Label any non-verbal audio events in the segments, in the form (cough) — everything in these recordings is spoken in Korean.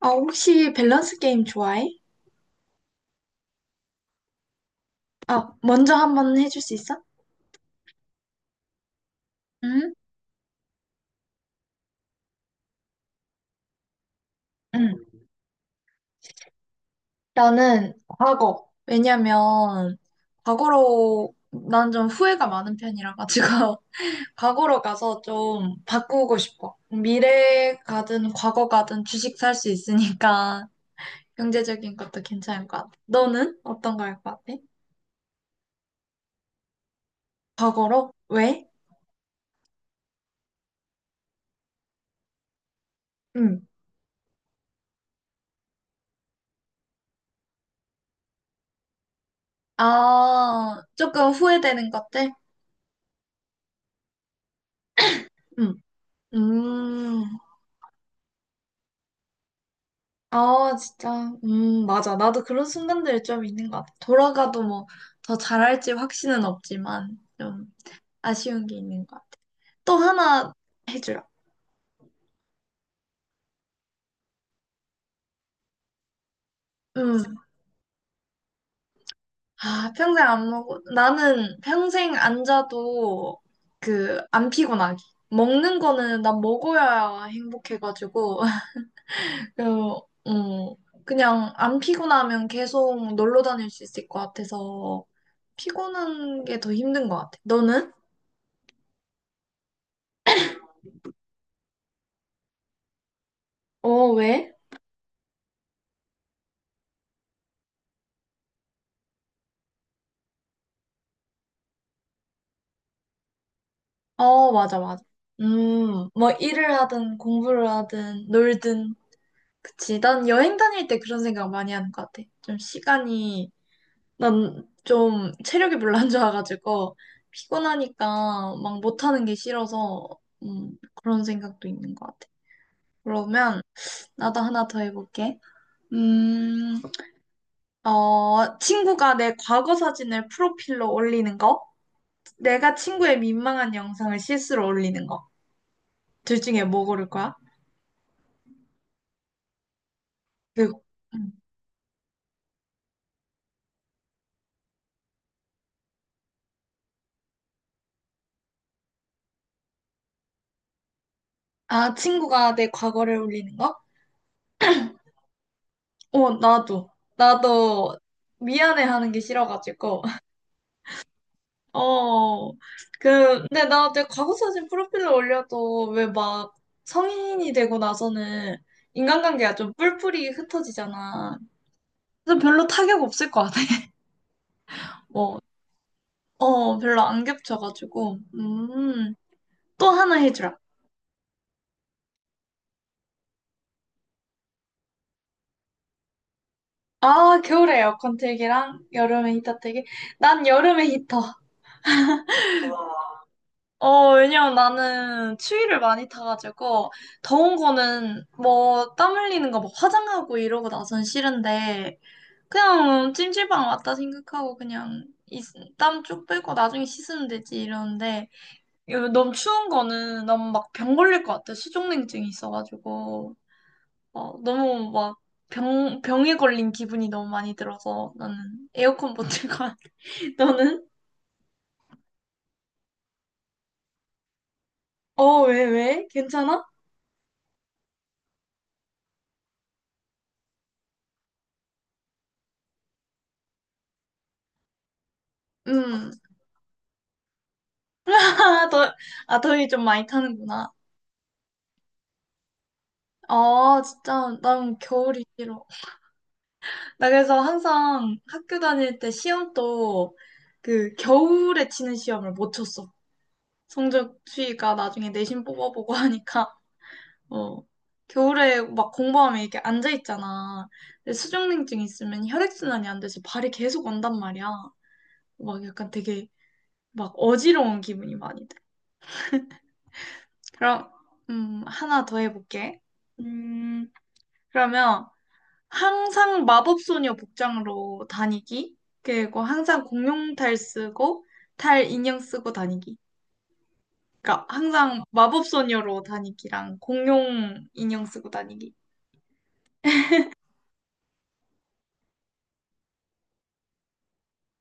아, 혹시 밸런스 게임 좋아해? 아, 먼저 한번 해줄 수 있어? 응? 응. 나는 과거. 왜냐면, 과거로, 난 좀 후회가 많은 편이라 가지고, (laughs) 과거로 가서 좀 바꾸고 싶어. 미래 가든 과거 가든 주식 살 수 있으니까, (laughs) 경제적인 것도 괜찮을 것 같아. 너는 어떤 거 할 것 같아? 과거로? 왜? 응. 아, 조금 후회되는 것들? 응. 음. 아, 진짜. 맞아. 나도 그런 순간들이 좀 있는 것 같아. 돌아가도 뭐 더 잘할지 확신은 없지만 좀 아쉬운 게 있는 것 같아. 또 하나 해줘요. 음. 아, 평생 안 먹어. 나는 평생 안 자도 그 안 피곤하기. 먹는 거는 난 먹어야 행복해가지고 (laughs) 그, 음, 그냥 안 피곤하면 계속 놀러 다닐 수 있을 것 같아서 피곤한 게 더 힘든 것 같아. 너는? 어, 왜? 어, 맞아, 맞아. 뭐 일을 하든 공부를 하든 놀든. 그치. 난 여행 다닐 때 그런 생각 많이 하는 것 같아. 좀 시간이, 난 좀 체력이 별로 안 좋아가지고 피곤하니까 막 못하는 게 싫어서 그런 생각도 있는 것 같아. 그러면 나도 하나 더 해볼게. 음, 어, 친구가 내 과거 사진을 프로필로 올리는 거, 내가 친구의 민망한 영상을 실수로 올리는 거. 둘 중에 뭐 고를 거야? 네. 음. 아, 친구가 내 과거를 울리는 거? 어, 나도. 나도 미안해하는 게 싫어가지고. (laughs) 어, 근데 나 내 과거 사진 프로필로 올려도 왜 막 성인이 되고 나서는 인간관계가 좀 뿔뿔이 흩어지잖아. 그래서 별로 타격 없을 것 같아. (laughs) 뭐, 어, 별로 안 겹쳐가지고. 또 하나 해주라. 아, 겨울에 에어컨 틀기랑 여름에 히터 틀기. 난 여름에 히터. 어, 왜냐면 나는 추위를 많이 타가지고, 더운 거는 뭐, 땀 흘리는 거 막 화장하고 이러고 나선 싫은데, 그냥 찜질방 왔다 생각하고 그냥 땀 쭉 빼고 나중에 씻으면 되지 이러는데, 이거 너무 추운 거는 너무 막 병 걸릴 것 같아. 수족냉증이 있어가지고, 어, 너무 막 병에 걸린 기분이 너무 많이 들어서 나는 에어컨 못 틀고, (laughs) 너는? 어, 왜? 괜찮아? 음. 아, 더, 아, 더위 좀 많이 타는구나. 아, 진짜, 난 겨울이 싫어. 나 그래서 항상 학교 다닐 때 시험도 그 겨울에 치는 시험을 못 쳤어. 성적 추이가 나중에 내신 뽑아보고 하니까, 어. 겨울에 막 공부하면 이렇게 앉아있잖아. 근데 수족냉증 있으면 혈액순환이 안 돼서 발이 계속 온단 말이야. 막 약간 되게 막 어지러운 기분이 많이 돼. 그럼, 하나 더 해볼게. 음, 그러면, 항상 마법소녀 복장으로 다니기. 그리고 항상 공룡탈 쓰고 탈 인형 쓰고 다니기. 그러니까 항상 마법소녀로 다니기랑 공룡 인형 쓰고 다니기.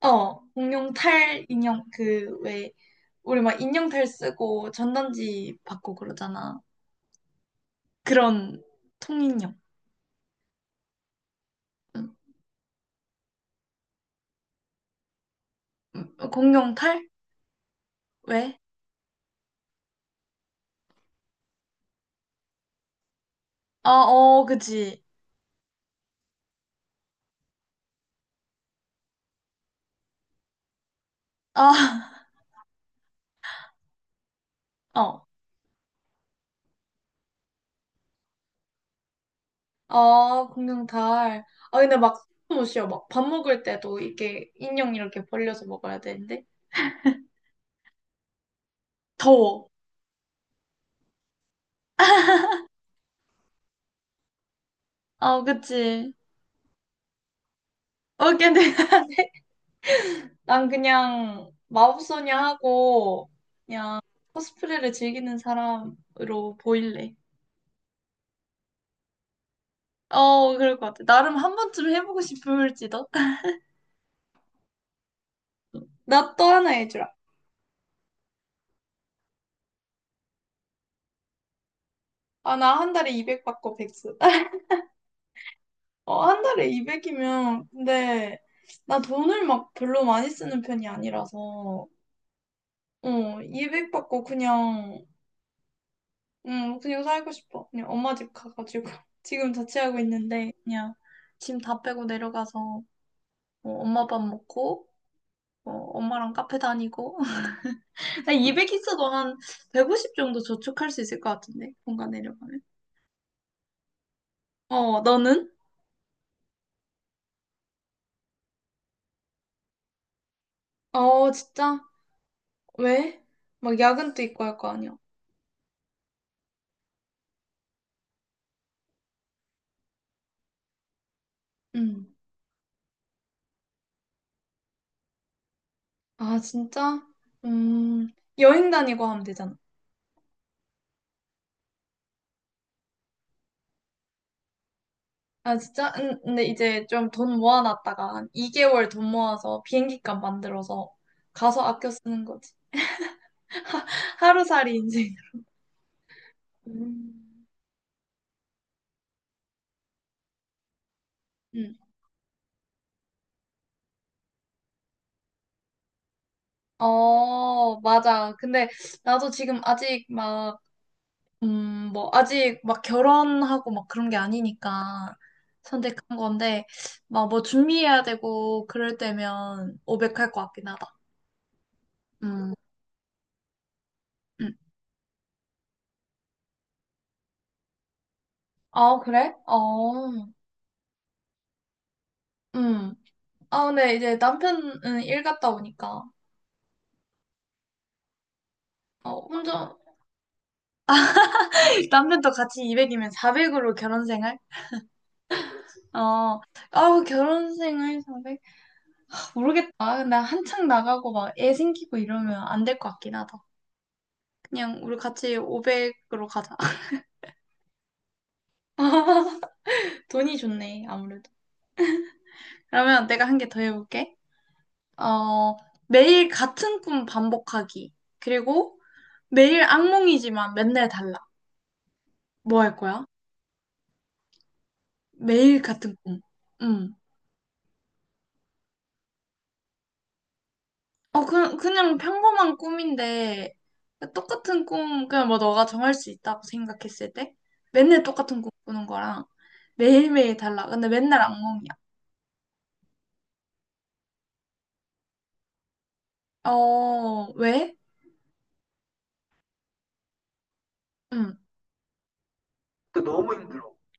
어, 공룡 탈 인형 그 왜 우리 막 인형 탈 쓰고 전단지 받고 그러잖아. 그런 통인형. 음, 공룡 탈? 왜? 아, 어, 그치. 아, (laughs) 어. 아, 공룡 달. 아, 근데 막, 못 쉬어. 막, 밥 먹을 때도 이렇게 인형 이렇게 벌려서 먹어야 되는데. 더워. 아, 그치. 어, 근데 (laughs) 난 그냥 마법소녀 하고, 그냥 코스프레를 즐기는 사람으로 보일래. 어, 그럴 것 같아. 나름 한 번쯤 해보고 싶을지도. (laughs) 나 또 하나 해주라. 아, 나 한 달에 200 받고 백수. (laughs) 어, 한 달에 200이면, 근데, 나 돈을 막 별로 많이 쓰는 편이 아니라서. 어, 200 받고 그냥, 응, 그냥 살고 싶어. 그냥 엄마 집 가가지고. (laughs) 지금 자취하고 있는데, 그냥 짐 다 빼고 내려가서, 어, 엄마 밥 먹고, 어, 엄마랑 카페 다니고. (laughs) 200 있어도 한 150 정도 저축할 수 있을 것 같은데, 뭔가 내려가면. 어, 너는? 어, 진짜? 왜? 막 야근도 있고 할 거 아니야. 응. 아, 진짜? 음, 여행 다니고 하면 되잖아. 아, 진짜? 응, 근데 이제 좀 돈 모아놨다가 한 2개월 돈 모아서 비행기값 만들어서 가서 아껴 쓰는 거지. 하루살이 인생. 음. 응. 어, 맞아. 근데 나도 지금 아직 막, 뭐, 아직 막 결혼하고 막 그런 게 아니니까 선택한 건데, 막 뭐 준비해야 되고 그럴 때면 오백할 것 같긴 하다. 음, 음. 아, 그래? 어, 음. 아, 근데 이제 남편은 일 갔다 오니까. 어, 혼자 (laughs) 남편도 같이 200이면 400으로 결혼생활? 어, 아우, 결혼생활 400? 모르겠다. 나 한창 나가고 막 애 생기고 이러면 안 될 것 같긴 하다. 그냥 우리 같이 500으로 가자. (laughs) 돈이 좋네, 아무래도. 그러면 내가 한 개 더 해볼게. 어, 매일 같은 꿈 반복하기. 그리고 매일 악몽이지만 맨날 달라. 뭐 할 거야? 매일 같은 꿈. 응. 어, 그냥 평범한 꿈인데, 똑같은 꿈, 그냥 뭐 너가 정할 수 있다고 생각했을 때, 맨날 똑같은 꿈 꾸는 거랑 매일매일 달라. 근데 맨날 악몽이야. 어, 왜? 응. 그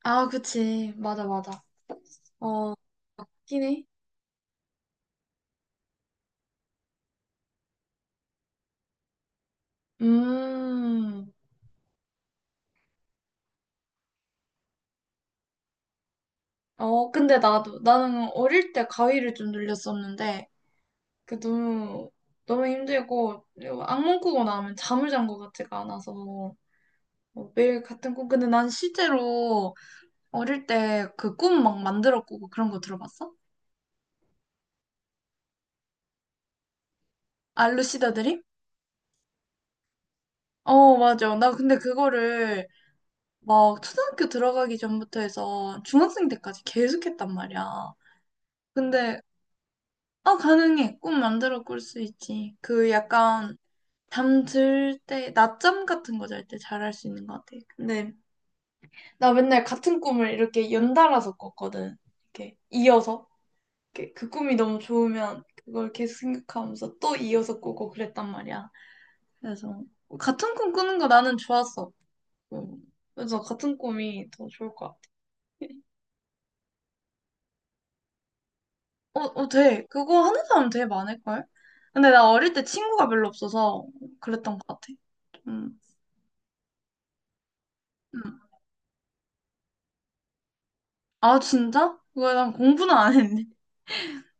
아, 그치. 맞아, 맞아. 어, 맞긴 해. 음, 어, 근데 나는 어릴 때 가위를 좀 눌렸었는데, 그 너무, 너무 힘들고, 악몽 꾸고 나면 잠을 잔 것 같지가 않아서. 어, 매일 같은 꿈. 근데 난 실제로 어릴 때 그 꿈 막 만들어 꾸고 그런 거 들어봤어? 알루시다 드림? 어, 맞아. 나 근데 그거를 막 초등학교 들어가기 전부터 해서 중학생 때까지 계속 했단 말이야. 근데, 아, 가능해. 꿈 만들어 꿀 수 있지. 그 약간 잠 들 때, 낮잠 같은 거 잘 때 잘 할 수 있는 것 같아. 근데 나 맨날 같은 꿈을 이렇게 연달아서 꿨거든. 이렇게 이어서. 이렇게 그 꿈이 너무 좋으면 그걸 계속 생각하면서 또 이어서 꾸고 그랬단 말이야. 그래서 같은 꿈 꾸는 거 나는 좋았어. 음. 그래서 같은 꿈이 더 좋을 것 같아. (laughs) 어, 어, 돼. 그거 하는 사람 되게 많을걸? 근데 나 어릴 때 친구가 별로 없어서 그랬던 것 같아. 음. 음. 아, 진짜? 그거 난 공부는 안 했네.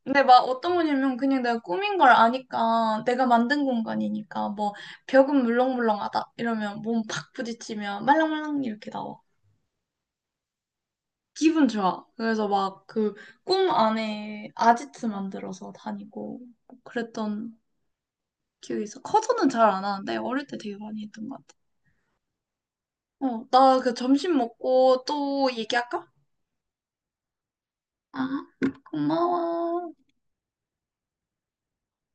근데 막 어떤 거냐면 그냥 내가 꾸민 걸 아니까 내가 만든 공간이니까 뭐 벽은 물렁물렁하다 이러면 몸 팍 부딪히면 말랑말랑 이렇게 나와. 기분 좋아. 그래서 막 그 꿈 안에 아지트 만들어서 다니고 뭐 그랬던 기억이 있어. 커서는 잘 안 하는데 어릴 때 되게 많이 했던 것 같아. 어, 나 그 점심 먹고 또 얘기할까? 아, 고마워.